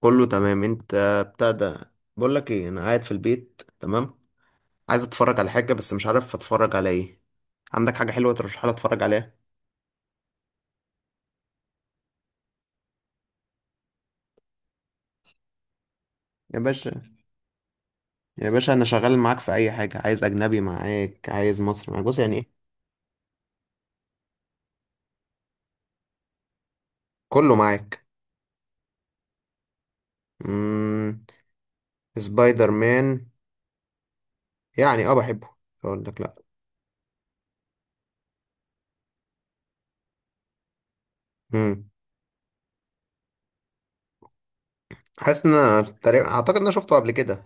كله تمام؟ انت بتاع ده. بقول لك ايه، انا قاعد في البيت تمام، عايز اتفرج على حاجه بس مش عارف اتفرج على ايه. عندك حاجه حلوه ترشحها لي اتفرج عليها؟ يا باشا، يا باشا انا شغال معاك في اي حاجه، عايز اجنبي معاك، عايز مصري معاك، بص يعني ايه. كله معاك. امم سبايدر مان، يعني اه بحبه، مش هقول لك لا. امم حاسس ان انا تقريبا اعتقد ان انا شفته قبل كده.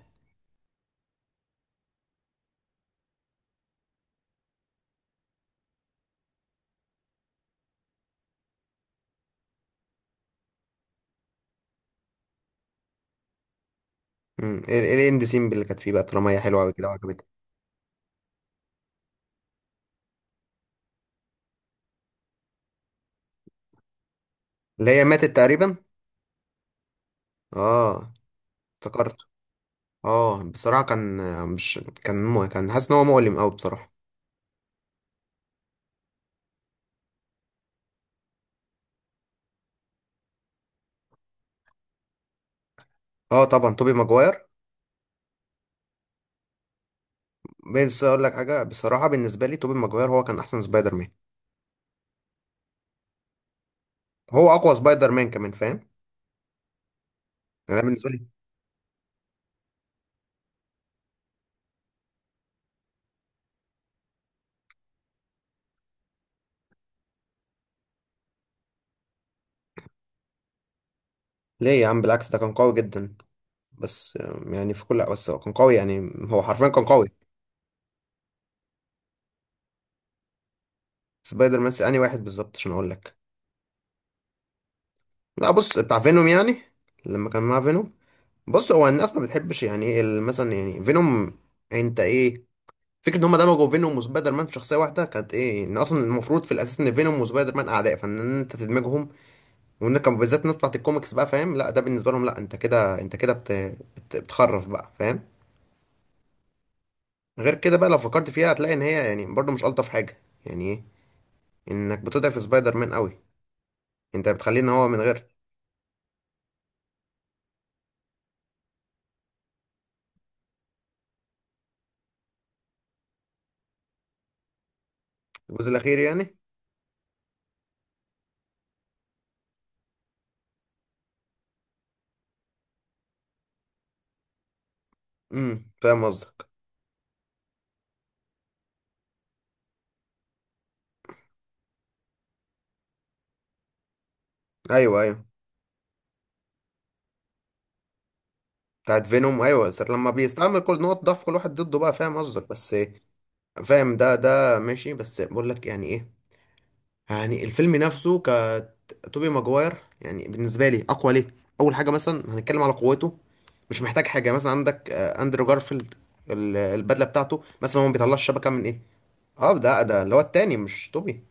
ايه ايه الاند سين اللي كانت فيه بقى، طالما هي حلوه قوي كده وعجبتك؟ اللي هي ماتت تقريبا. اه، افتكرت. اه بصراحة كان، مش كان مو... كان حاسس ان هو مؤلم قوي بصراحة. اه طبعا توبي ماجواير. بس اقول لك حاجة، بصراحة بالنسبة لي توبي ماجواير هو كان احسن سبايدر مان. هو اقوى سبايدر مان كمان، فاهم؟ يعني انا بالنسبة لي، ليه يا عم؟ بالعكس ده كان قوي جدا. بس يعني في كل، بس هو كان قوي، يعني هو حرفيا كان قوي. سبايدر مان انهي واحد بالظبط عشان اقول لك؟ لا بص بتاع فينوم يعني، لما كان مع فينوم. بص هو الناس ما بتحبش يعني ايه مثلا يعني فينوم، انت ايه، فكرة ان هم دمجوا فينوم وسبايدر مان في شخصية واحدة كانت ايه، ان اصلا المفروض في الاساس ان فينوم وسبايدر مان اعداء، فان إن انت تدمجهم، وان كان بالذات الناس بتاعت الكوميكس بقى، فاهم؟ لا ده بالنسبة لهم لا، انت كده، انت كده بتخرف بقى، فاهم؟ غير كده بقى، لو فكرت فيها هتلاقي ان هي يعني برضه مش الطف حاجة يعني ايه، انك بتضعف سبايدر مان قوي، انت بتخليه ان هو من غير. الجزء الاخير يعني. امم، فاهم قصدك. ايوه ايوه، بتاعت فينوم، ايوه ساعة لما بيستعمل كل نقط ضعف كل واحد ضده بقى، فاهم قصدك بس فاهم، ده ماشي، بس بقول لك يعني ايه، يعني الفيلم نفسه كتوبي ماجواير، يعني بالنسبه لي اقوى ليه. اول حاجه مثلا هنتكلم على قوته، مش محتاج حاجه، مثلا عندك اندرو جارفيلد، البدله بتاعته مثلا، هو ما بيطلعش شبكه من ايه. اه ده اللي هو التاني، مش توبي.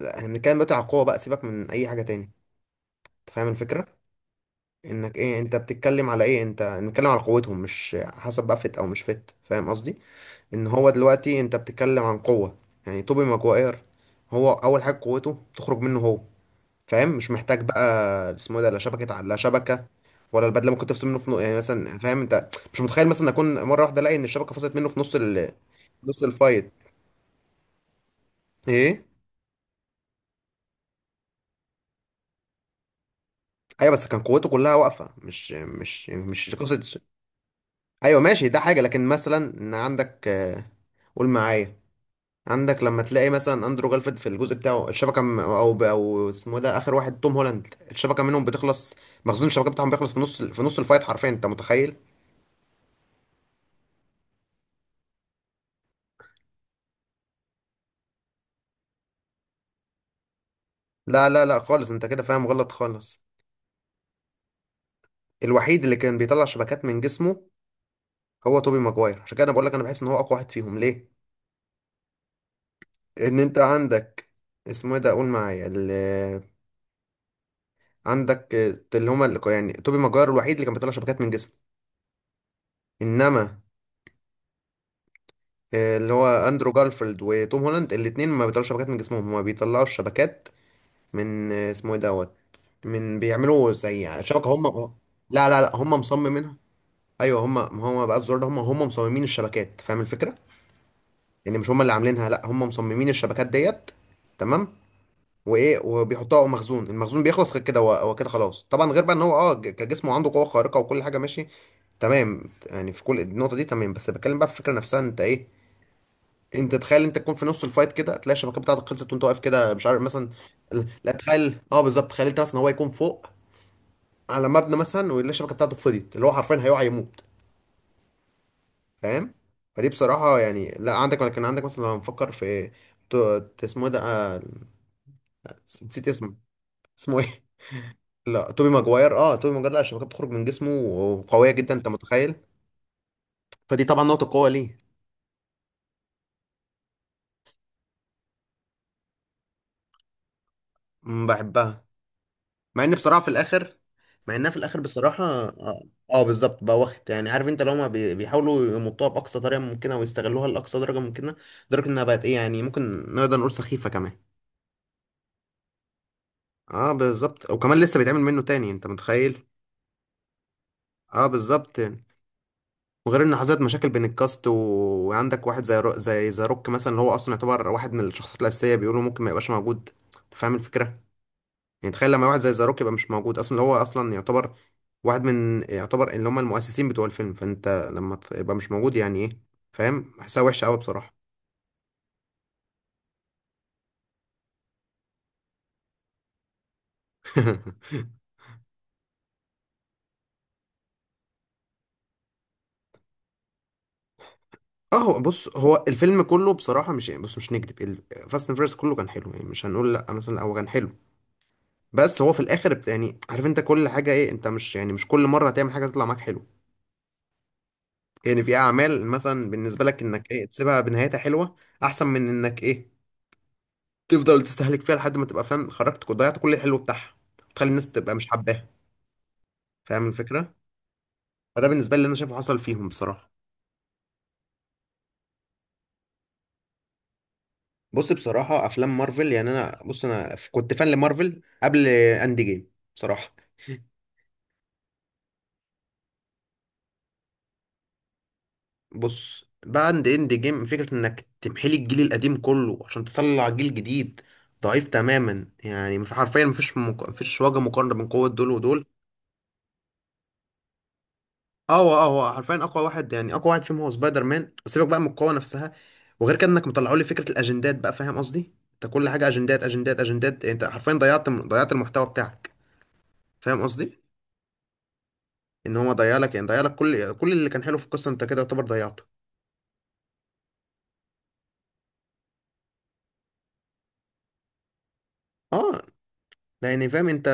لا هنتكلم دلوقتي على القوه بقى، سيبك من اي حاجه تاني. انت فاهم الفكره، انك ايه، انت بتتكلم على ايه، انت بنتكلم على قوتهم مش حسب بقى فت او مش فت، فاهم قصدي؟ ان هو دلوقتي انت بتتكلم عن قوه. يعني توبي ماجواير، هو اول حاجه قوته تخرج منه هو، فاهم؟ مش محتاج بقى اسمه إيه ده، لا لا شبكه، ولا البدله ممكن تفصل منه في نص يعني مثلا، فاهم؟ انت مش متخيل مثلا اكون مره واحده الاقي ان الشبكه فصلت منه في نص نص الفايت، ايه. ايوه بس كان قوته كلها واقفه مش قصه. ايوه ماشي، ده حاجه، لكن مثلا ان عندك قول معايا، عندك لما تلاقي مثلا اندرو جالفيد في الجزء بتاعه الشبكه م- او ب- او اسمه إيه ده، اخر واحد توم هولاند الشبكه منهم بتخلص. مخزون الشبكه بتاعهم بيخلص في نص، في نص الفايت، حرفيا انت متخيل؟ لا خالص، انت كده فاهم غلط خالص. الوحيد اللي كان بيطلع شبكات من جسمه هو توبي ماجواير، عشان كده انا بقول لك انا بحس ان هو اقوى واحد فيهم ليه. ان انت عندك اسمه ايه ده، قول معايا عندك اللي هما اللي يعني توبي ماجواير الوحيد اللي كان بيطلع شبكات من جسمه. انما اللي هو اندرو جارفيلد وتوم هولاند الاتنين ما بيطلعوش شبكات من جسمهم، هما بيطلعوا شبكات من اسمه ايه دوت، من بيعملوا زي شبكه هم. لا هم مصممينها. ايوه هم، ما هو بقى الزرار ده، هم مصممين الشبكات، فاهم الفكره؟ يعني مش هم اللي عاملينها، لا هم مصممين الشبكات ديت، تمام؟ وايه وبيحطوها على مخزون، المخزون بيخلص. غير كده هو كده خلاص طبعا، غير بقى ان هو اه كجسمه عنده قوه خارقه وكل حاجه ماشي تمام، يعني في كل النقطه دي تمام. بس بتكلم بقى في الفكره نفسها، انت ايه، انت تخيل انت تكون في نص الفايت كده تلاقي الشبكه بتاعتك خلصت وانت واقف كده مش عارف مثلا. لا تخيل، اه بالظبط، تخيل انت مثلا هو يكون فوق على مبنى مثلا ويلاقي الشبكه بتاعته فضيت، اللي هو حرفيا هيقع يموت، فاهم؟ فدي بصراحه يعني، لا عندك كان عندك مثلا، لو هنفكر في ت- اسمه إيه ده، نسيت اسمه، اسمه ايه. لا توبي ماجواير، اه توبي ماجواير، لا الشبكات بتخرج من جسمه وقويه جدا، انت متخيل؟ فدي طبعا نقطه قوه ليه. بحبها، مع ان بصراحه في الاخر، مع انها في الاخر بصراحه اه, آه بالظبط بقى، واخد يعني عارف انت، لو هما بيحاولوا يمطوها باقصى طريقه ممكنه ويستغلوها لاقصى درجه ممكنه، لدرجه انها بقت ايه يعني، ممكن نقدر نقول سخيفه كمان. اه بالظبط، وكمان لسه بيتعمل منه تاني، انت متخيل؟ اه بالظبط. وغير ان حصلت مشاكل بين الكاست و... وعندك واحد زي ذا روك مثلا، اللي هو اصلا يعتبر واحد من الشخصيات الاساسيه، بيقولوا ممكن ما يبقاش موجود. انت فاهم الفكره، يعني تخيل لما واحد زي ذا روك يبقى مش موجود اصلا، اللي هو اصلا يعتبر واحد من، يعتبر اللي هم المؤسسين بتوع الفيلم، فانت لما تبقى مش موجود يعني ايه، فاهم؟ حاسها وحشه قوي بصراحه. اه هو بص، هو الفيلم كله بصراحه مش يعني، بص مش نكدب، فاست اند فيرس كله كان حلو، يعني مش هنقول لا مثلا هو كان حلو، بس هو في الاخر يعني عارف انت كل حاجه ايه، انت مش يعني مش كل مره هتعمل حاجه تطلع معاك حلو. يعني في اعمال مثلا بالنسبه لك انك ايه تسيبها بنهايتها حلوه، احسن من انك ايه تفضل تستهلك فيها لحد ما تبقى فاهم خرجت وضيعت كل الحلو بتاعها وتخلي الناس تبقى مش حباها، فاهم الفكره؟ فده بالنسبه لي اللي انا شايفه حصل فيهم بصراحه. بص بصراحه افلام مارفل يعني انا بص، انا كنت فان لمارفل قبل اند جيم بصراحه. بص بعد اند جيم فكرة انك تمحلي الجيل القديم كله عشان تطلع جيل جديد ضعيف تماما، يعني حرفيا مفيش مفيش وجه مقارنة بين قوة دول ودول. اه هو، اه هو حرفيا اقوى واحد، يعني اقوى واحد فيهم هو سبايدر مان، سيبك بقى من القوه نفسها. وغير كده انك مطلعوا لي فكره الاجندات بقى، فاهم قصدي؟ انت كل حاجه اجندات اجندات اجندات، يعني انت حرفيا ضيعت المحتوى بتاعك، فاهم قصدي؟ ان هو ضيع لك، يعني ضيع لك كل اللي كان حلو في القصه، انت كده يعتبر ضيعته. اه يعني فاهم انت،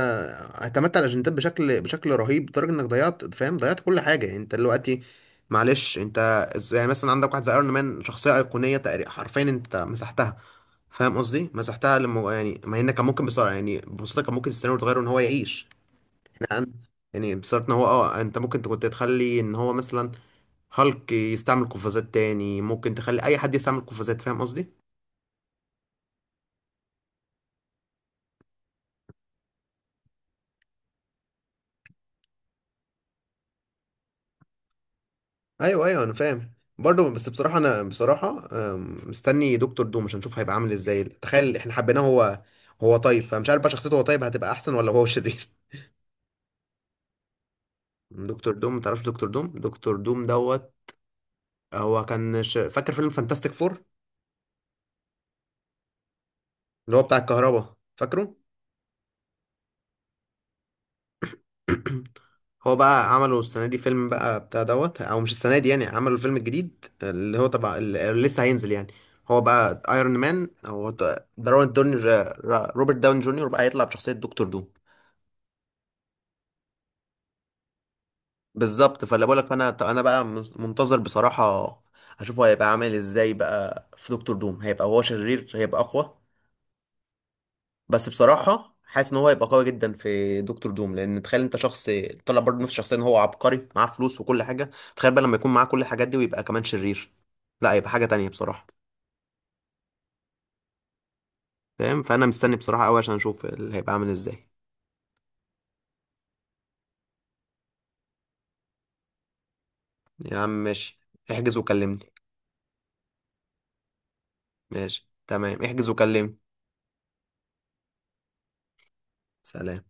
اعتمدت على الاجندات بشكل رهيب لدرجه انك ضيعت، فاهم ضيعت كل حاجه، يعني انت دلوقتي معلش. انت يعني مثلا عندك واحد زي ايرون مان، شخصيه ايقونيه تقريبا، حرفيا انت مسحتها، فاهم قصدي؟ مسحتها لما يعني، ما هنا كان ممكن بسرعه يعني ببساطه كان ممكن السيناريو يتغير ان هو يعيش يعني. يعني بصراحه ان هو اه، انت ممكن كنت تخلي ان هو مثلا هالك يستعمل قفازات تاني، ممكن تخلي اي حد يستعمل قفازات، فاهم قصدي؟ ايوه ايوه انا فاهم برضه، بس بصراحه انا بصراحه مستني دكتور دوم عشان نشوف هيبقى عامل ازاي، تخيل احنا حبيناه هو، هو طيب، فمش عارف بقى شخصيته، هو طيب هتبقى احسن ولا هو شرير. دكتور دوم متعرفش؟ دكتور دوم، دكتور دوم دوت، هو كان فاكر فيلم فانتاستيك فور؟ اللي هو بتاع الكهرباء، فاكره؟ هو بقى عملوا السنة دي فيلم بقى بتاع دوت، او مش السنة دي يعني، عملوا الفيلم الجديد اللي هو تبع اللي لسه هينزل يعني، هو بقى ايرون مان او دارون دوني، روبرت داون جونيور بقى هيطلع بشخصية دكتور دوم. بالظبط، فاللي بقولك، فانا انا بقى منتظر بصراحة اشوفه هيبقى عامل ازاي بقى في دكتور دوم، هيبقى هو شرير، هيبقى اقوى. بس بصراحة حاسس ان هو هيبقى قوي جدا في دكتور دوم، لان تخيل انت شخص طلع برضه نفس الشخصية، ان هو عبقري معاه فلوس وكل حاجة، تخيل بقى لما يكون معاه كل الحاجات دي ويبقى كمان شرير، لا هيبقى حاجة تانية بصراحة. فاهم؟ فانا مستني بصراحة قوي عشان اشوف اللي هيبقى عامل ازاي. يا عم ماشي، احجز وكلمني. ماشي تمام، احجز وكلمني. سلام.